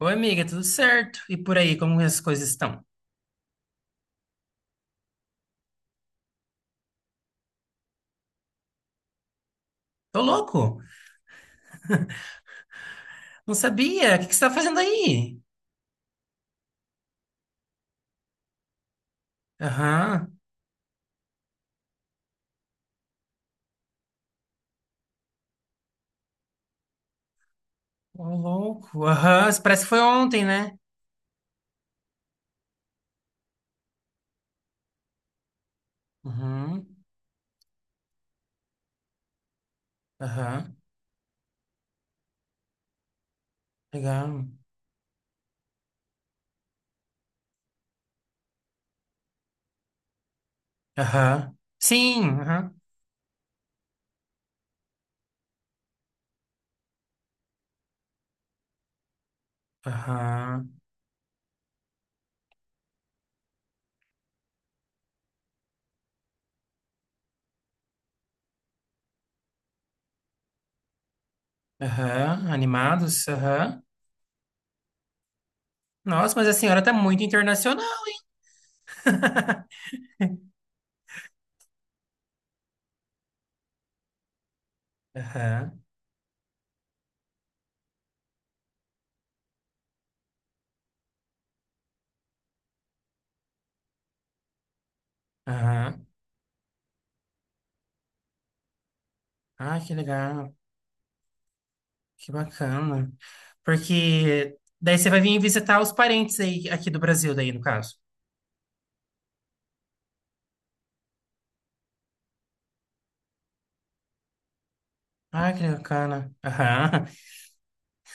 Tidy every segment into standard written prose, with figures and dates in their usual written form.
Oi, amiga, tudo certo? E por aí, como as coisas estão? Tô louco! Não sabia! O que você tá fazendo aí? Aham. Ô, louco! Aham, parece que foi ontem, né? Uhum, aham, legal. Aham, sim, aham, aham, aham, animados, aham. Nossa, mas a senhora tá muito internacional! Aham, aham. Ah, que legal, que bacana. Porque daí você vai vir visitar os parentes aí, aqui do Brasil, daí, no caso. Ah, que bacana. Aham.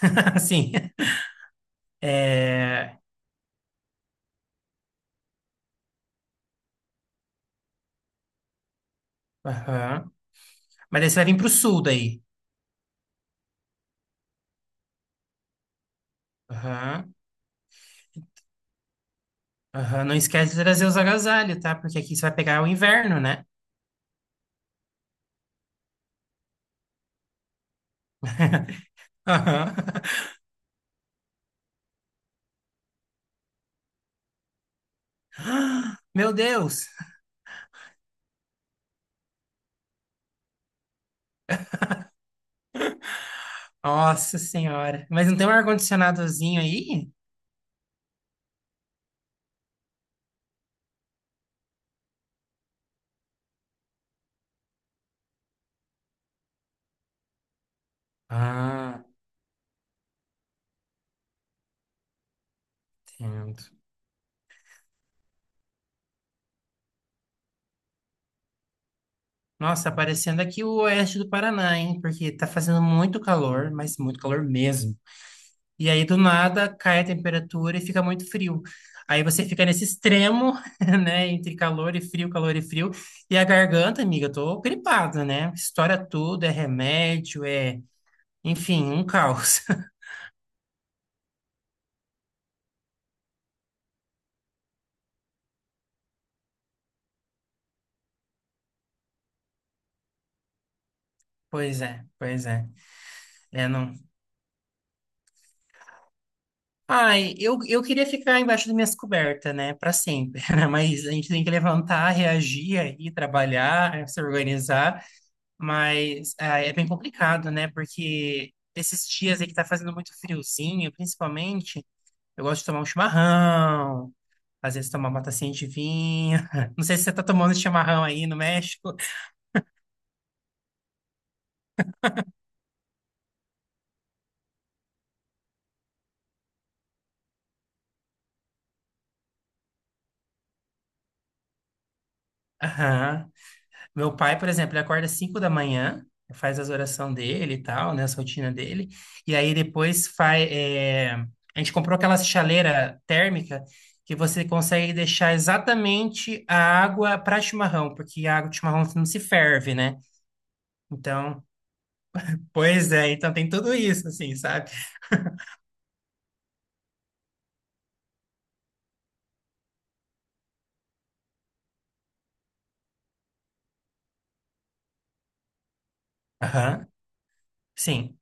Sim. É... Aham. Mas daí você vai vir pro sul daí. Aham. Aham. Não esquece de trazer os agasalhos, tá? Porque aqui você vai pegar o inverno, né? Aham. Meu Deus! Nossa Senhora. Mas não tem um ar-condicionadozinho aí? Ah, entendo. Nossa, tá parecendo aqui o oeste do Paraná, hein? Porque tá fazendo muito calor, mas muito calor mesmo. E aí, do nada, cai a temperatura e fica muito frio. Aí você fica nesse extremo, né? Entre calor e frio, calor e frio. E a garganta, amiga, eu tô gripada, né? Estoura tudo, é remédio, é... Enfim, um caos. Pois é, pois é. É, não... Ai, eu queria ficar embaixo das minhas cobertas, né? Pra sempre, né? Mas a gente tem que levantar, reagir aí, trabalhar, se organizar. Mas é bem complicado, né? Porque esses dias aí que tá fazendo muito friozinho, principalmente, eu gosto de tomar um chimarrão, às vezes tomar uma tacinha de vinho. Não sei se você tá tomando chimarrão aí no México. Aham. Meu pai, por exemplo, ele acorda às 5 da manhã, faz as orações dele e tal, né, a rotina dele, e aí depois faz. A gente comprou aquela chaleira térmica que você consegue deixar exatamente a água para chimarrão, porque a água de chimarrão não se ferve, né? Então, pois é, então tem tudo isso, assim, sabe? Aham, sim.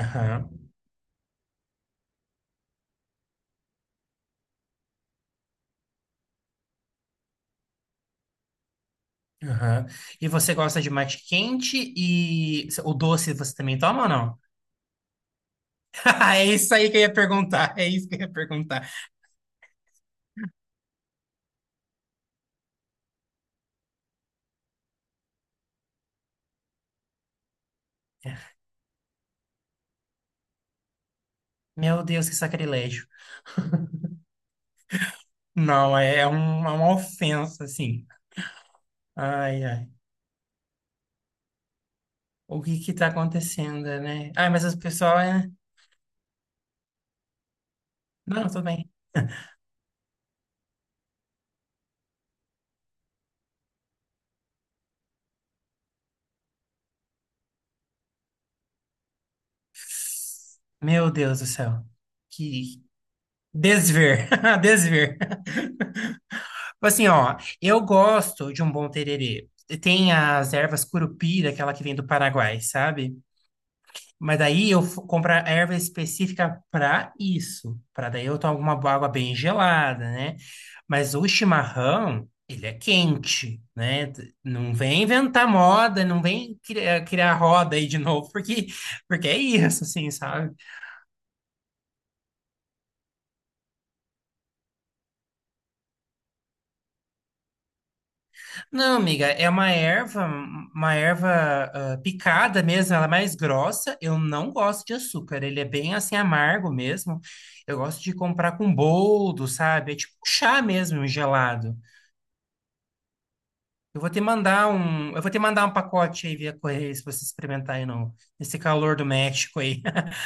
Aham, aham. E você gosta de mate quente e o doce você também toma ou não? É isso aí que eu ia perguntar, é isso que eu ia perguntar. Meu Deus, que sacrilégio. Não, é uma ofensa, assim. Ai, ai. O que tá acontecendo, né? Ai, mas as pessoas... é- Não, tudo bem. Meu Deus do céu. Que desver. Desver. Tipo assim, ó, eu gosto de um bom tererê. Tem as ervas curupira, aquela que vem do Paraguai, sabe? Mas daí eu f- compro a erva específica para isso, para daí eu tomo uma água bem gelada, né? Mas o chimarrão, ele é quente, né? T- Não vem inventar moda, não vem criar roda aí de novo, porque, porque é isso, assim, sabe? Não, amiga, é uma erva, uma erva picada mesmo, ela é mais grossa. Eu não gosto de açúcar, ele é bem assim amargo mesmo. Eu gosto de comprar com boldo, sabe? É tipo um chá mesmo, um gelado. Eu vou te mandar um, eu vou te mandar um pacote aí via correio se você experimentar aí no, nesse calor do México aí.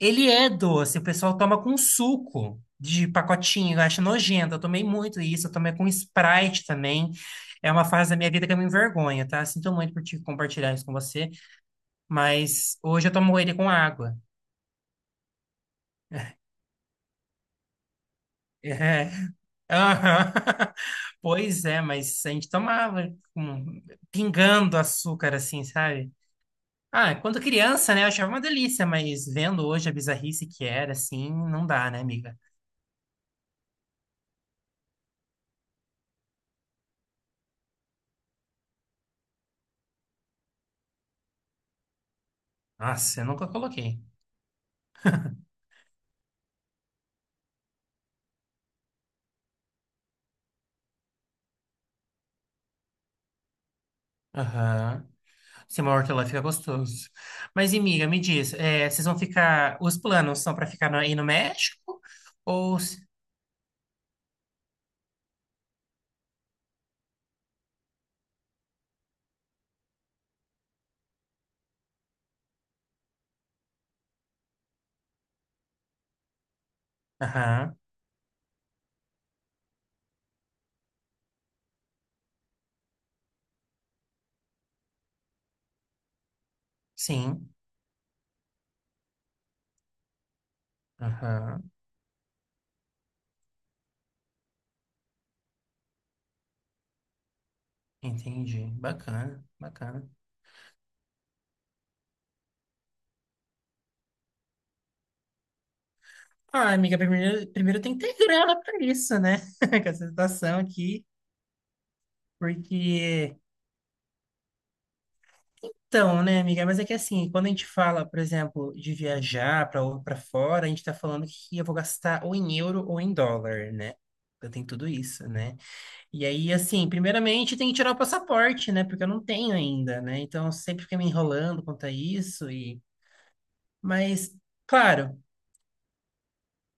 Ele é doce, o pessoal toma com suco de pacotinho, eu acho nojento. Eu tomei muito isso, eu tomei com Sprite também. É uma fase da minha vida que eu me envergonho, tá? Sinto muito por te compartilhar isso com você, mas hoje eu tomo ele com água. É. Aham. Pois é, mas a gente tomava com- pingando açúcar assim, sabe? Ah, quando criança, né, eu achava uma delícia, mas vendo hoje a bizarrice que era, assim, não dá, né, amiga? Nossa, eu nunca coloquei. Aham. Se uma lá fica gostoso. Mas, e, amiga, me diz, é, vocês vão ficar... Os planos são para ficar no- aí no México? Ou... se- Aham, sim. Aham, entendi. Bacana, bacana. Ah, amiga, primeiro, primeiro tem que ter grana para isso, né? Com essa situação aqui, porque... Então, né, amiga? Mas é que assim, quando a gente fala, por exemplo, de viajar para fora, a gente está falando que eu vou gastar ou em euro ou em dólar, né? Eu tenho tudo isso, né? E aí, assim, primeiramente tem que tirar o passaporte, né? Porque eu não tenho ainda, né? Então eu sempre fiquei me enrolando quanto a isso e, mas, claro.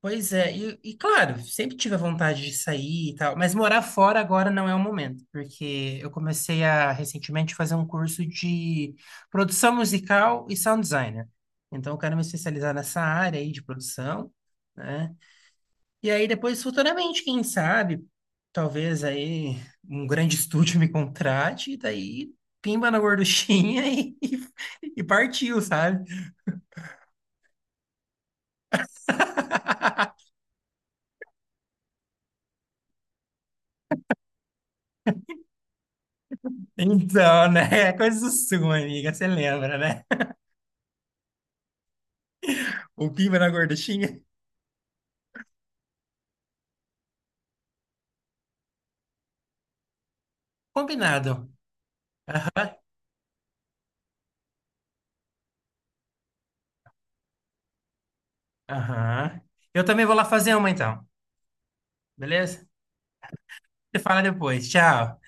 Pois é, e claro, sempre tive a vontade de sair e tal, mas morar fora agora não é o momento, porque eu comecei a recentemente fazer um curso de produção musical e sound designer. Então eu quero me especializar nessa área aí de produção, né? E aí depois, futuramente, quem sabe, talvez aí um grande estúdio me contrate, e daí pimba na gorduchinha e partiu, sabe? Então, né? Coisa sua, amiga. Você lembra, né? O piba na gorduchinha. Combinado. Aham. Eu também vou lá fazer uma, então. Beleza? Você fala depois. Tchau.